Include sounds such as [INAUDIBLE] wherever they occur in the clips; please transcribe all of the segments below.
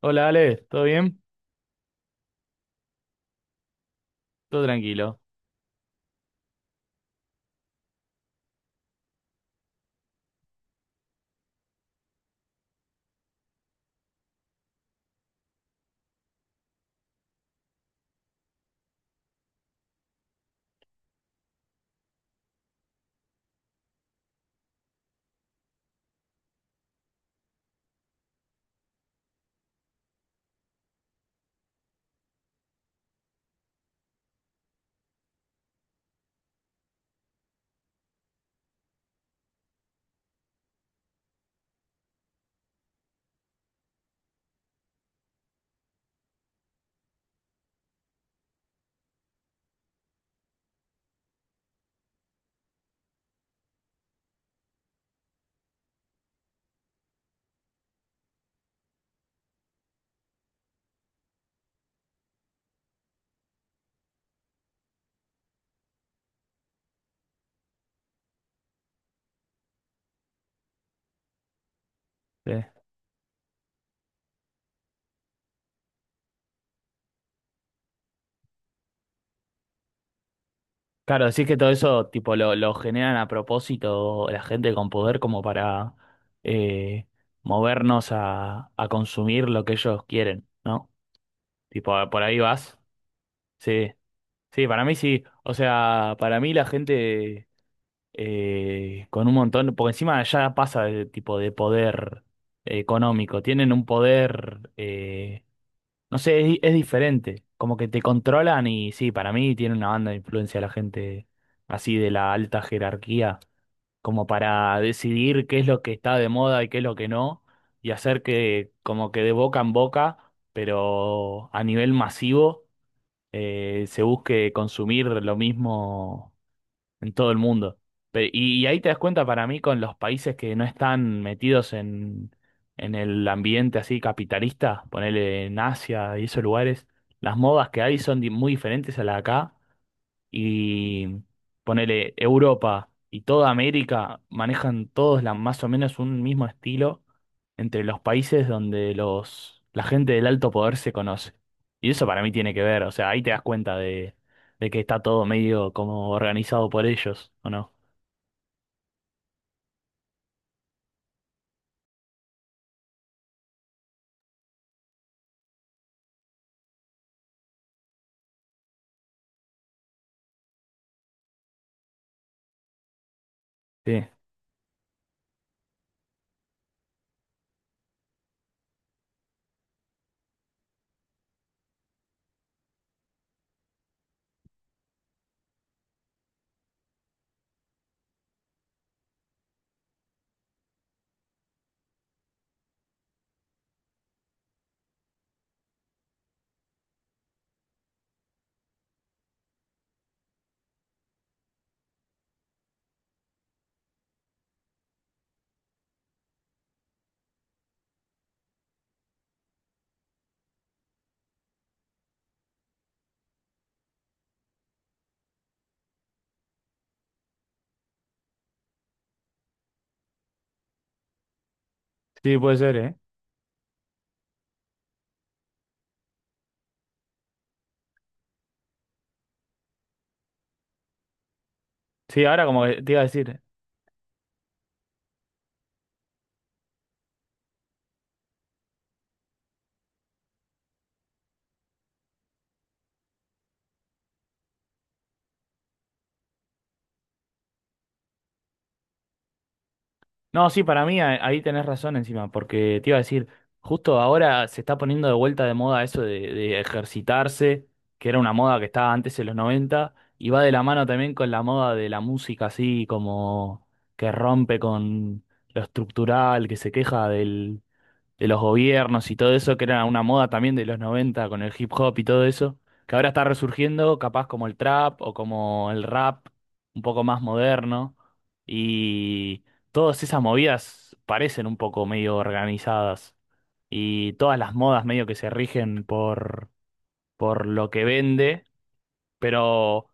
Hola Ale, ¿todo bien? Todo tranquilo. Sí. Claro, decís que todo eso tipo lo generan a propósito la gente con poder como para eh, movernos a consumir lo que ellos quieren, ¿no? Tipo, por ahí vas. Sí, sí, para mí sí. O sea, para mí la gente con un montón, porque encima ya pasa de tipo de poder económico, tienen un poder, no sé, es diferente. Como que te controlan y sí, para mí tiene una banda de influencia la gente así de la alta jerarquía, como para decidir qué es lo que está de moda y qué es lo que no, y hacer que como que de boca en boca, pero a nivel masivo, se busque consumir lo mismo en todo el mundo. Y ahí te das cuenta para mí con los países que no están metidos en el ambiente así capitalista, ponele en Asia y esos lugares, las modas que hay son muy diferentes a las de acá, y ponele Europa y toda América manejan todos más o menos un mismo estilo entre los países donde la gente del alto poder se conoce. Y eso para mí tiene que ver, o sea, ahí te das cuenta de que está todo medio como organizado por ellos, ¿o no? Sí, sí, puede ser, ¿eh? Sí, ahora como que te iba a decir. No, sí, para mí ahí tenés razón, encima porque te iba a decir, justo ahora se está poniendo de vuelta de moda eso de ejercitarse, que era una moda que estaba antes en los 90 y va de la mano también con la moda de la música así como que rompe con lo estructural, que se queja de los gobiernos y todo eso, que era una moda también de los 90 con el hip hop y todo eso, que ahora está resurgiendo, capaz como el trap o como el rap, un poco más moderno, y todas esas movidas parecen un poco medio organizadas, y todas las modas medio que se rigen por lo que vende, pero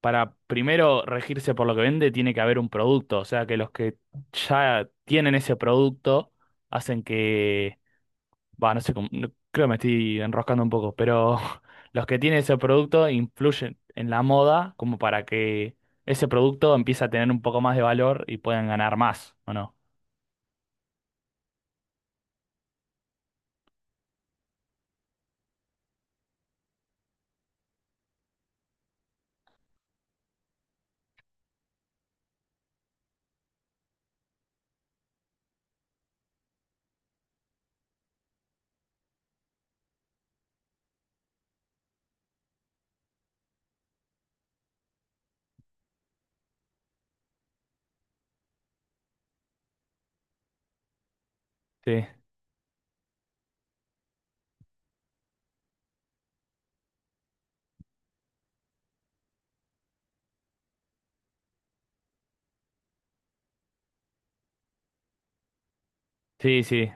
para primero regirse por lo que vende, tiene que haber un producto. O sea, que los que ya tienen ese producto hacen que, va, no sé cómo, creo que me estoy enroscando un poco, pero [LAUGHS] los que tienen ese producto influyen en la moda como para que ese producto empiece a tener un poco más de valor y puedan ganar más, ¿o no? Sí, sí, sí.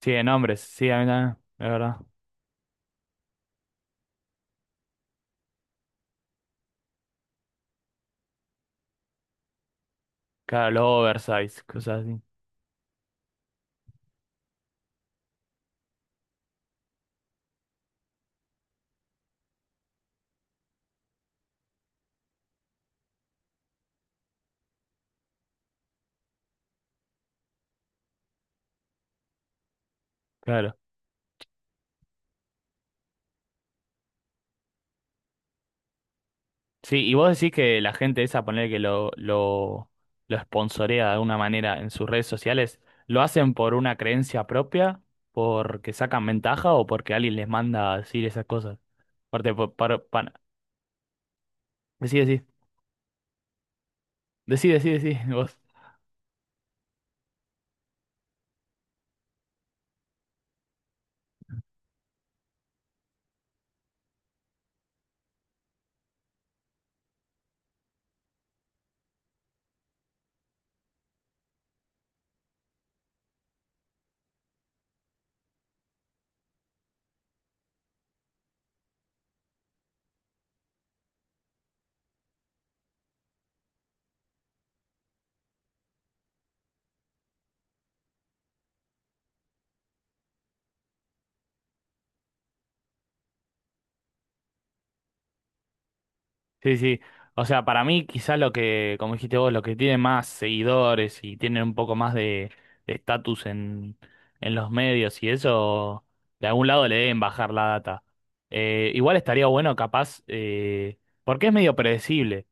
Sí, en hombres, sí, a mí también, es verdad. Claro, los oversize, cosas así, claro. Sí, y vos decís que la gente esa, poner que lo sponsorea de alguna manera en sus redes sociales, ¿lo hacen por una creencia propia? ¿Porque sacan ventaja o porque alguien les manda a decir esas cosas? Aparte, decí, decí. Decí, decí, decí, [LAUGHS] vos. Sí, sí. Sí. O sea, para mí, quizás lo que, como dijiste vos, los que tienen más seguidores y tienen un poco más de estatus en los medios y eso, de algún lado le deben bajar la data. Igual estaría bueno, capaz, porque es medio predecible.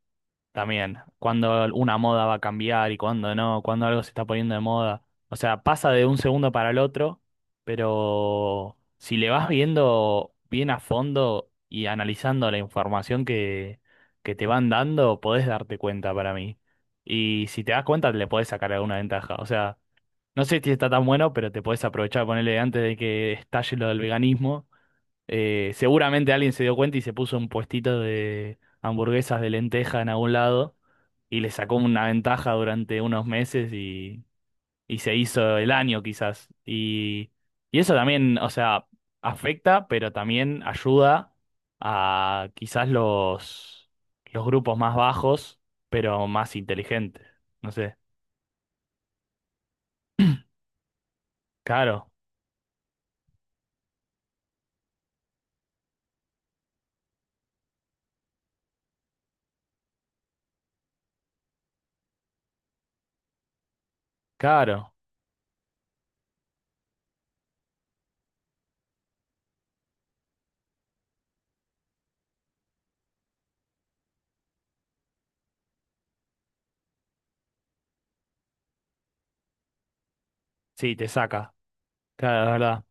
También, cuando una moda va a cambiar y cuando no, cuando algo se está poniendo de moda. O sea, pasa de un segundo para el otro, pero si le vas viendo bien a fondo y analizando la información que te van dando, podés darte cuenta para mí. Y si te das cuenta, le podés sacar alguna ventaja. O sea, no sé si está tan bueno, pero te podés aprovechar, ponerle antes de que estalle lo del veganismo. Seguramente alguien se dio cuenta y se puso un puestito de hamburguesas de lenteja en algún lado y le sacó una ventaja durante unos meses y se hizo el año quizás. Y eso también, o sea, afecta, pero también ayuda a quizás los grupos más bajos, pero más inteligentes. No sé, claro, claro, sí, te saca, claro, es verdad.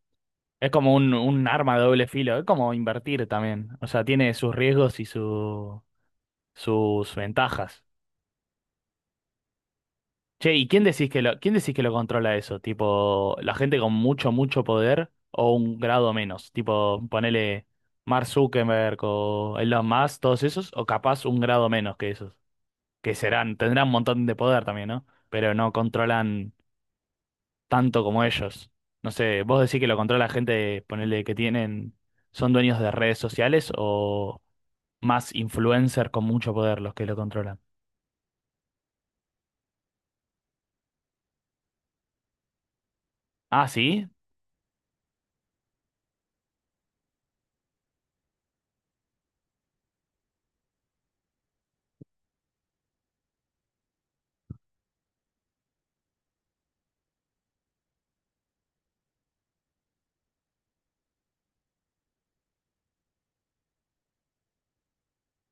Es como un arma de doble filo, es como invertir también. O sea, tiene sus riesgos y sus ventajas. Che, ¿y quién decís que lo, controla eso? Tipo, la gente con mucho, mucho poder o un grado menos. Tipo, ponele Mark Zuckerberg o Elon Musk, todos esos, o capaz un grado menos que esos. Que serán, tendrán un montón de poder también, ¿no? Pero no controlan tanto como ellos. No sé, vos decís que lo controla gente, ponele son dueños de redes sociales o más influencers con mucho poder los que lo controlan. Ah, sí,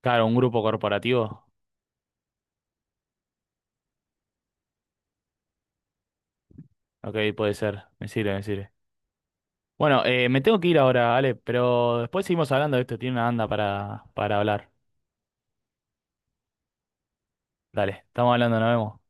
claro, un grupo corporativo. Ok, puede ser, me sirve, me sirve. Bueno, me tengo que ir ahora, Ale, pero después seguimos hablando de esto, tiene una banda para hablar. Dale, estamos hablando, nos vemos.